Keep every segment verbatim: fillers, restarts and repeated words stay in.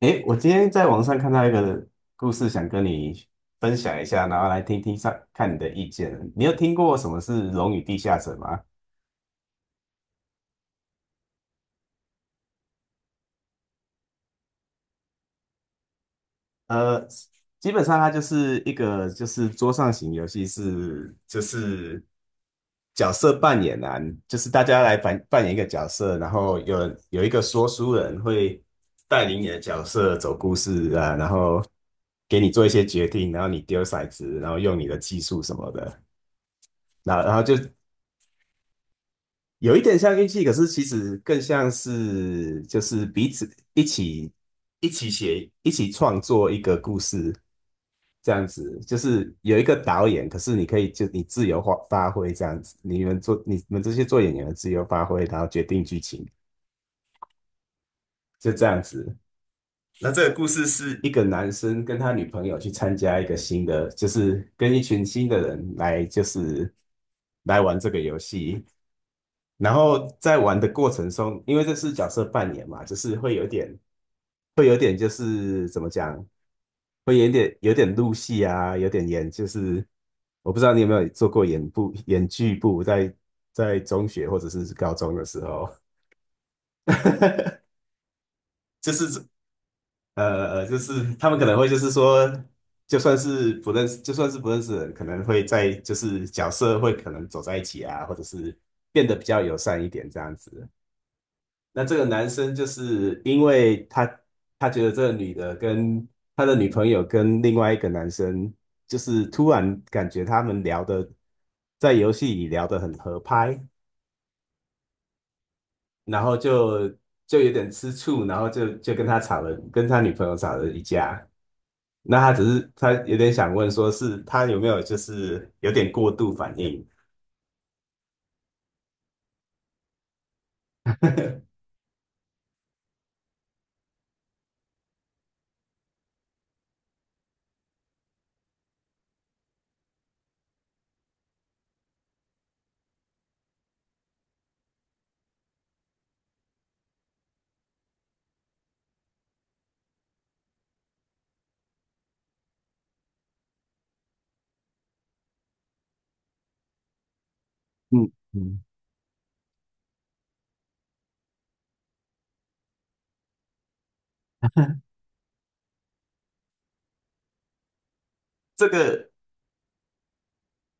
诶，我今天在网上看到一个故事，想跟你分享一下，然后来听听上看你的意见。你有听过什么是《龙与地下城》吗？呃，基本上它就是一个就是桌上型游戏是，就是角色扮演啊，就是大家来扮扮演一个角色，然后有有一个说书人会带领你的角色走故事啊，然后给你做一些决定，然后你丢骰子，然后用你的技术什么的。那然后就有一点像运气，可是其实更像是就是彼此一起一起写、一起创作一个故事这样子。就是有一个导演，可是你可以就你自由发发挥这样子，你们做你们这些做演员的自由发挥，然后决定剧情，就这样子。那这个故事是一个男生跟他女朋友去参加一个新的，就是跟一群新的人来，就是来玩这个游戏。然后在玩的过程中，因为这是角色扮演嘛，就是会有点，会有点就是怎么讲，会有点有点入戏啊，有点演，就是我不知道你有没有做过演部演剧部在，在中学或者是高中的时候，就是呃呃，就是他们可能会就是说，就算是不认识，就算是不认识的人，可能会在就是角色会可能走在一起啊，或者是变得比较友善一点这样子。那这个男生就是因为他他觉得这个女的跟他的女朋友跟另外一个男生，就是突然感觉他们聊的在游戏里聊得很合拍，然后就就有点吃醋，然后就就跟他吵了，跟他女朋友吵了一架。那他只是他有点想问，说是他有没有就是有点过度反应？嗯嗯，这个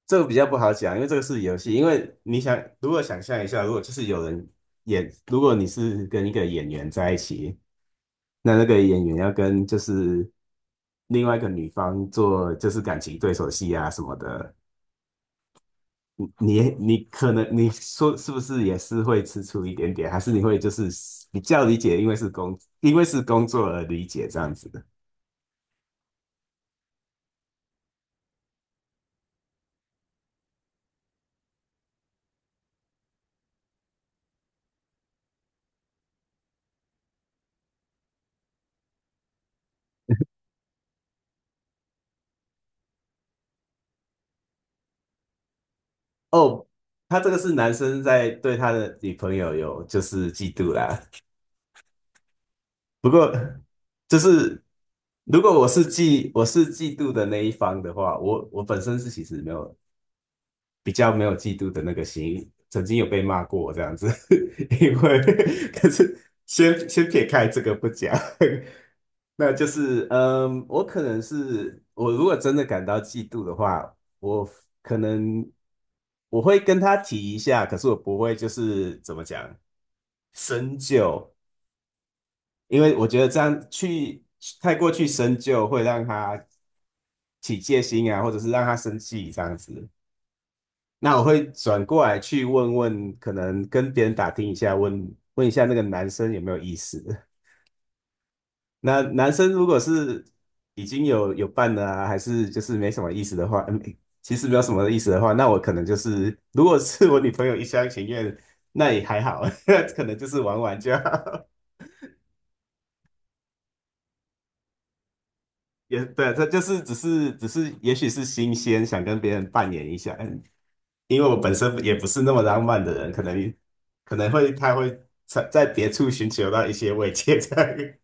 这个比较不好讲，因为这个是游戏。因为你想，如果想象一下，如果就是有人演，如果你是跟一个演员在一起，那那个演员要跟就是另外一个女方做就是感情对手戏啊什么的，你你可能你说是不是也是会吃醋一点点，还是你会就是比较理解，因为是工因为是工作而理解这样子的。哦，他这个是男生在对他的女朋友有就是嫉妒啦。不过 就是如果我是嫉我是嫉妒的那一方的话，我我本身是其实没有比较没有嫉妒的那个心，曾经有被骂过这样子，因为可是先先撇开这个不讲，那就是嗯，我可能是我如果真的感到嫉妒的话，我可能我会跟他提一下，可是我不会就是怎么讲深究。因为我觉得这样去太过去深究，会让他起戒心啊，或者是让他生气这样子。那我会转过来去问问，可能跟别人打听一下，问问一下那个男生有没有意思。那男生如果是已经有有伴了啊，还是就是没什么意思的话，嗯，其实没有什么意思的话，那我可能就是，如果是我女朋友一厢情愿，那也还好，可能就是玩玩就好。也对，这就是只是只是，也许是新鲜，想跟别人扮演一下。嗯因为我本身也不是那么浪漫的人，可能可能会他会在在别处寻求到一些慰藉在，这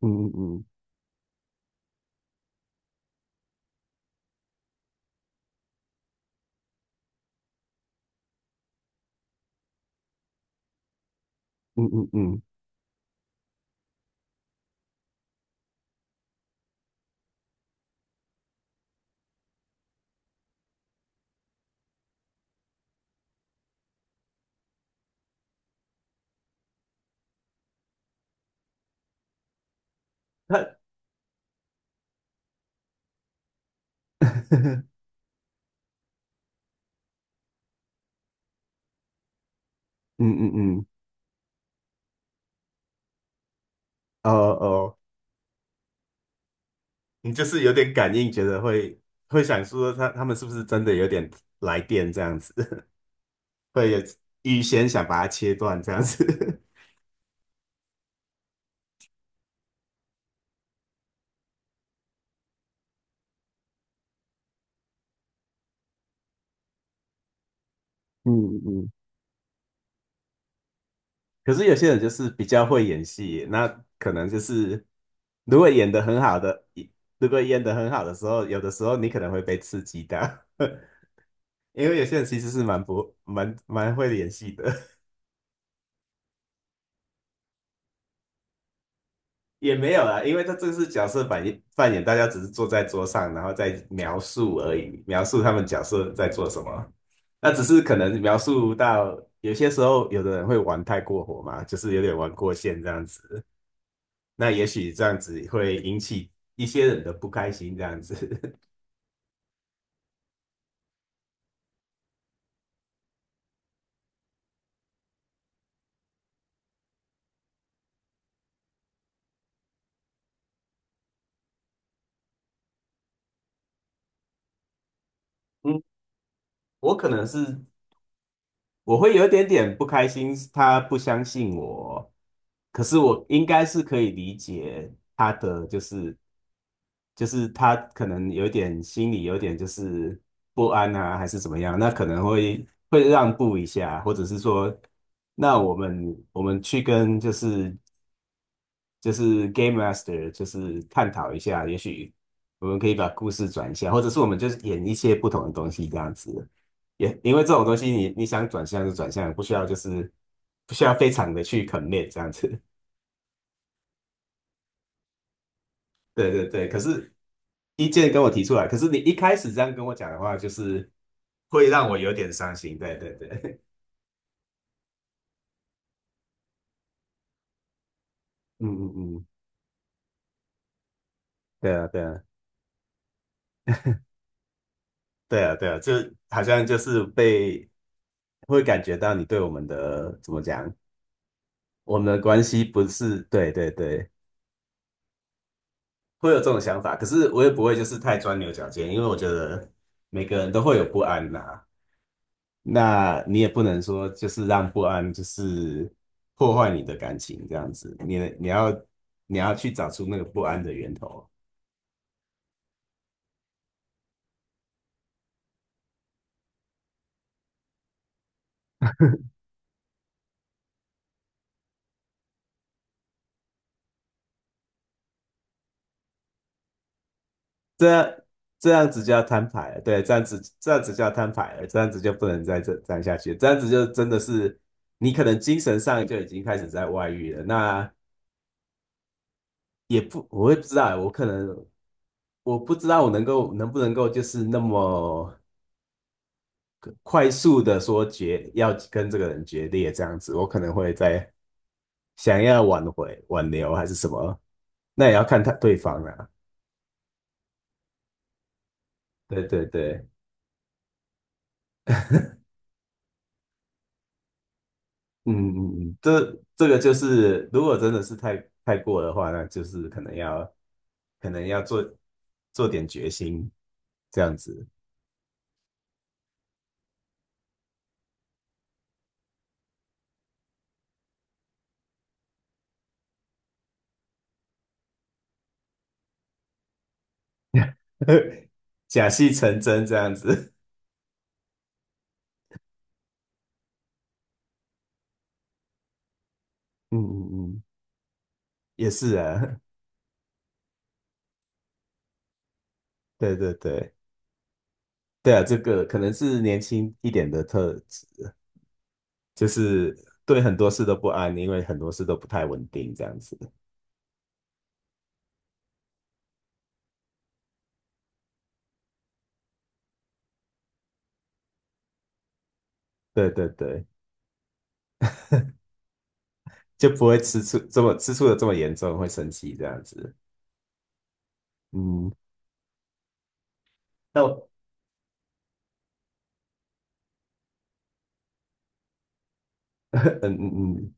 嗯嗯嗯嗯嗯，他 嗯嗯嗯，哦哦，你就是有点感应，觉得会会想说他他们是不是真的有点来电这样子，会有预先想把它切断这样子。嗯嗯。可是有些人就是比较会演戏，那可能就是如果演得很好的，如果演得很好的时候，有的时候你可能会被刺激到，因为有些人其实是蛮不蛮蛮会演戏的，也没有啦，因为他这个是角色扮演扮演，大家只是坐在桌上，然后再描述而已，描述他们角色在做什么。那只是可能描述到有些时候，有的人会玩太过火嘛，就是有点玩过线这样子。那也许这样子会引起一些人的不开心，这样子。嗯，我可能是我会有一点点不开心，他不相信我，可是我应该是可以理解他的，就是就是他可能有点心里有点就是不安啊，还是怎么样，那可能会会让步一下，或者是说，那我们我们去跟就是就是 Game Master,就是探讨一下，也许我们可以把故事转一下，或者是我们就是演一些不同的东西这样子。也因为这种东西你，你想转向就转向，不需要就是不需要非常的去 commit 这样子。对对对，可是意见跟我提出来，可是你一开始这样跟我讲的话，就是会让我有点伤心。对对对，嗯嗯嗯，对啊对啊对啊对啊，就好像就是被会感觉到你对我们的怎么讲我们的关系不是，对对对，会有这种想法，可是我也不会就是太钻牛角尖，因为我觉得每个人都会有不安呐、那你也不能说就是让不安就是破坏你的感情这样子，你你要你要去找出那个不安的源头，这样这样子就要摊牌了，对，这样子这样子就要摊牌了，这样子就不能再这这样下去，这样子就真的是你可能精神上就已经开始在外遇了，那也不我也不知道欸，我可能。我不知道我能够能不能够就是那么快速的说决要跟这个人决裂这样子，我可能会在想要挽回挽留还是什么，那也要看他对方啊。对对对，嗯嗯嗯，这这个就是如果真的是太太过的话，那就是可能要可能要做做点决心这样子，假戏成真这样子。嗯嗯嗯，也是啊，对对对。对啊，这个可能是年轻一点的特质，就是对很多事都不安，因为很多事都不太稳定，这样子。对对对，就不会吃醋这么吃醋的这么严重，会生气这样子。嗯，那我 嗯嗯嗯，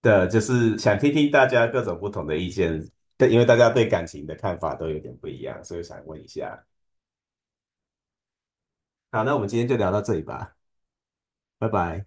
对啊，就是想听听大家各种不同的意见，对，因为大家对感情的看法都有点不一样，所以想问一下。好，那我们今天就聊到这里吧，拜拜。